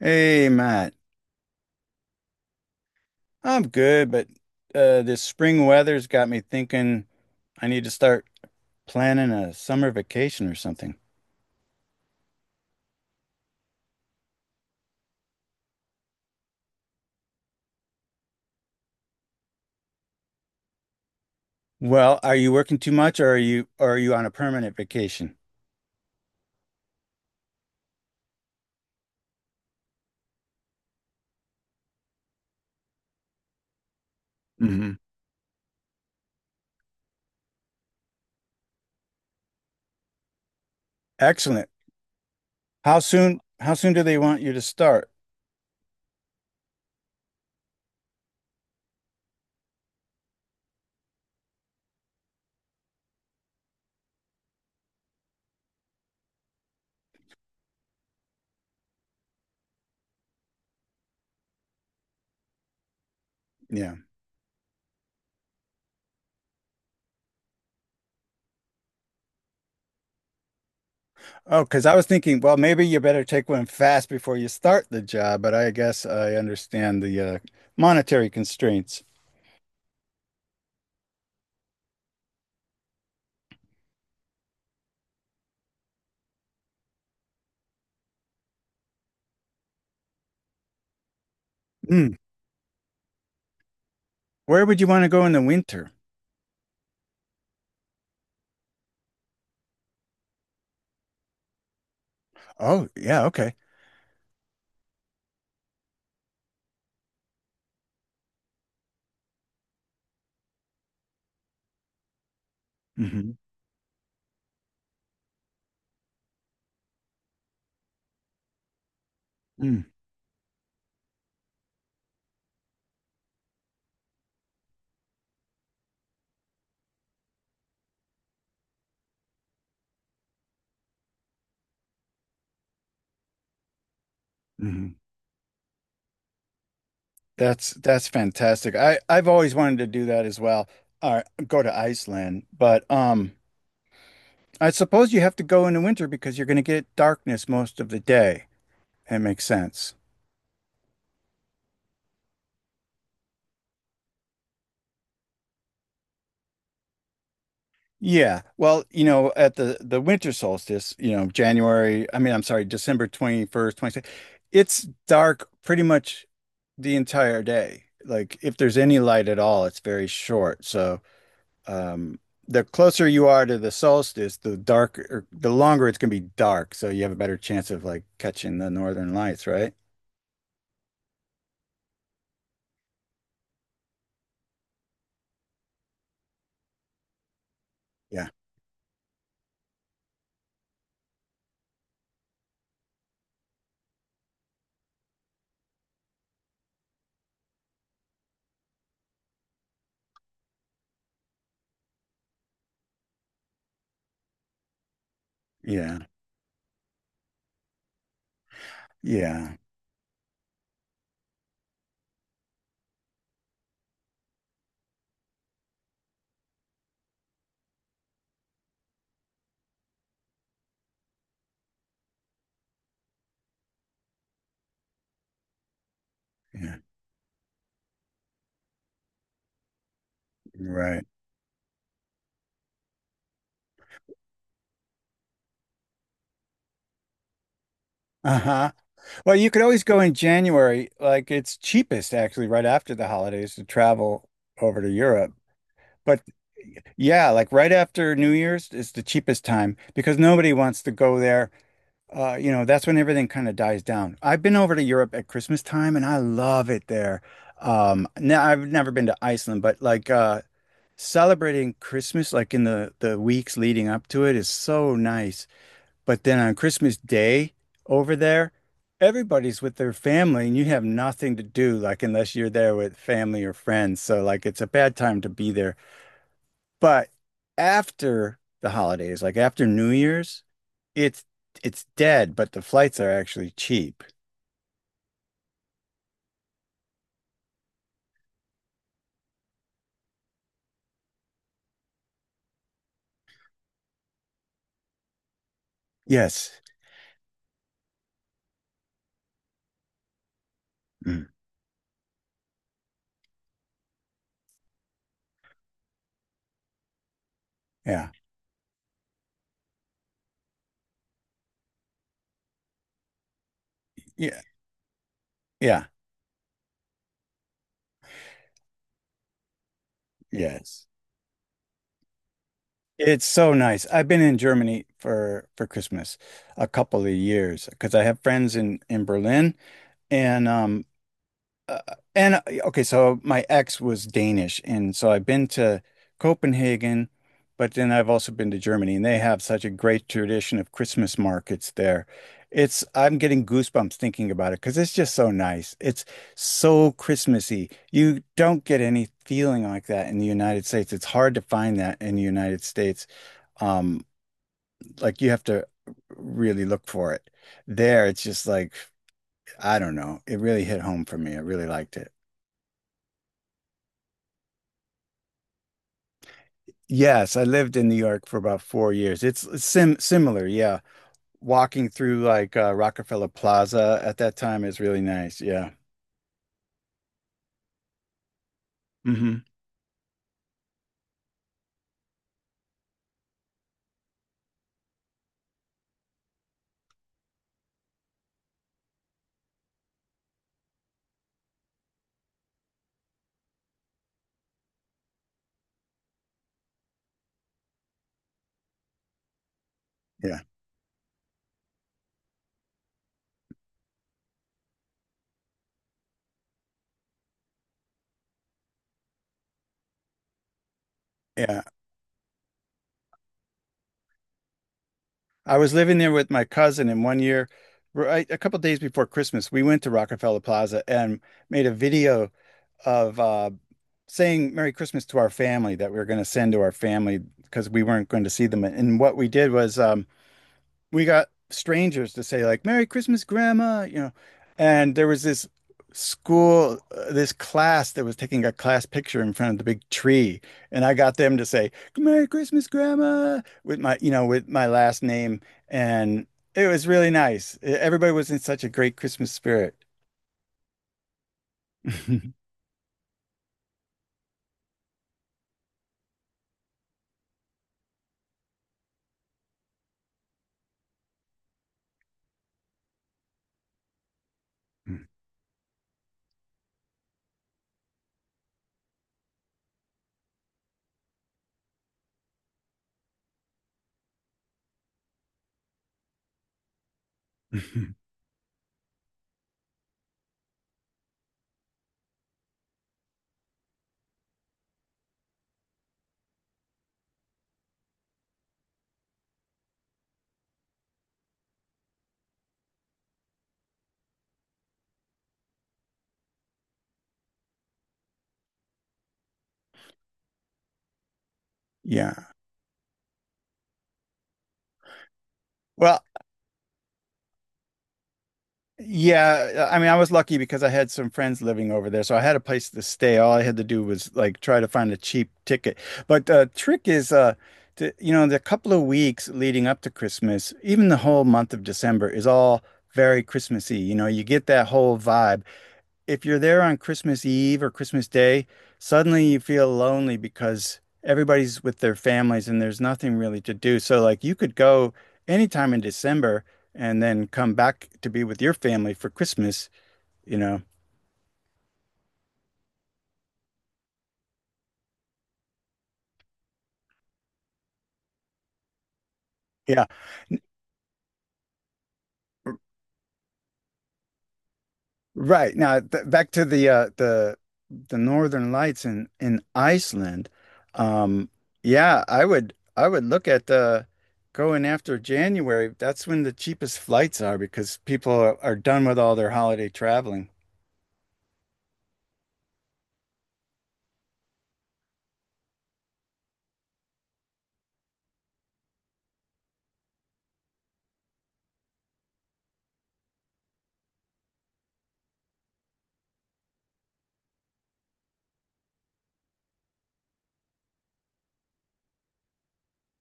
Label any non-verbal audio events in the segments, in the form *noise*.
Hey, Matt. I'm good, but this spring weather's got me thinking I need to start planning a summer vacation or something. Well, are you working too much or are you on a permanent vacation? Hmm. Excellent. How soon do they want you to start? Yeah. Oh, because I was thinking, well, maybe you better take one fast before you start the job, but I guess I understand the monetary constraints. Hmm. Where would you want to go in the winter? Oh, yeah, okay. Hmm. Mm-hmm. Mm-hmm. That's fantastic. I've always wanted to do that as well. All right, go to Iceland, but I suppose you have to go in the winter because you're going to get darkness most of the day. That makes sense. Yeah. Well, you know, at the winter solstice, you know, January, I mean, I'm sorry, December 21st, 22nd. It's dark pretty much the entire day. Like if there's any light at all, it's very short. So Um, the closer you are to the solstice, the darker, the longer it's gonna be dark. So you have a better chance of like catching the northern lights, right? Yeah, yeah, yeah, yeah. Right. Uh-huh. Well, you could always go in January. Like it's cheapest actually right after the holidays to travel over to Europe. But yeah, like right after New Year's is the cheapest time because nobody wants to go there. You know, that's when everything kind of dies down. I've been over to Europe at Christmas time and I love it there. Now I've never been to Iceland, but celebrating Christmas like in the weeks leading up to it is so nice. But then on Christmas Day over there, everybody's with their family and you have nothing to do like unless you're there with family or friends. So like it's a bad time to be there. But after the holidays, like after New Year's, it's it's dead, but the flights are actually cheap. Yes. Mm. Yeah. Yeah. Yeah. Yes. It's so nice. I've been in Germany for Christmas a couple of years because I have friends in Berlin and um Uh, and okay, so my ex was Danish, and so I've been to Copenhagen, but then I've also been to Germany, and they have such a great tradition of Christmas markets there. It's I'm getting goosebumps thinking about it because it's just so nice. It's so Christmassy. You don't get any feeling like that in the United States. It's hard to find that in the United States. Um, like you have to really look for it. There, it's just like, I don't know. It really hit home for me. I really liked it. Yes, I lived in New York for about 4 years. It's similar, yeah. Walking through like Rockefeller Plaza at that time is really nice. Yeah. Hmm. Yeah. Yeah. I was living there with my cousin, and one year, right, a couple days before Christmas, we went to Rockefeller Plaza and made a video of saying Merry Christmas to our family that we were going to send to our family because we weren't going to see them. And what we did was we got strangers to say like Merry Christmas, Grandma, you know. And there was this this class that was taking a class picture in front of the big tree, and I got them to say Merry Christmas, Grandma, with my, you know, with my last name, and it was really nice. Everybody was in such a great Christmas spirit. *laughs* Yeah. Well, yeah, I mean, I was lucky because I had some friends living over there, so I had a place to stay. All I had to do was like try to find a cheap ticket. But the trick is, to, you know, the couple of weeks leading up to Christmas, even the whole month of December is all very Christmassy. You know, you get that whole vibe if you're there on Christmas Eve or Christmas Day, suddenly you feel lonely because everybody's with their families and there's nothing really to do. So like you could go anytime in December and then come back to be with your family for Christmas, you know. Yeah. Right. Now, th back to the the Northern Lights in Iceland. Um yeah, I would look at going after January. That's when the cheapest flights are because people are done with all their holiday traveling.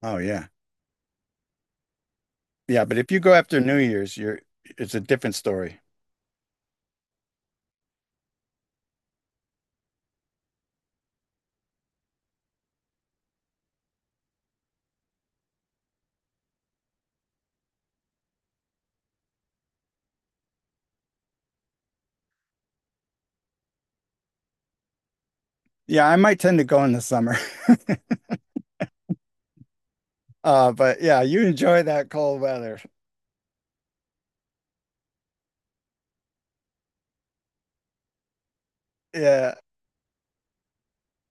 Oh yeah. Yeah, but if you go after New Year's, you're it's a different story. Yeah, I might tend to go in the summer. *laughs* But yeah, you enjoy that cold weather. Yeah.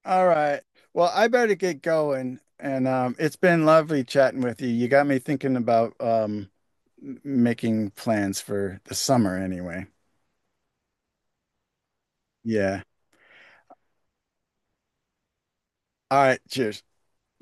All right. Well, I better get going. And it's been lovely chatting with you. You got me thinking about making plans for the summer anyway. Yeah. All right. Cheers.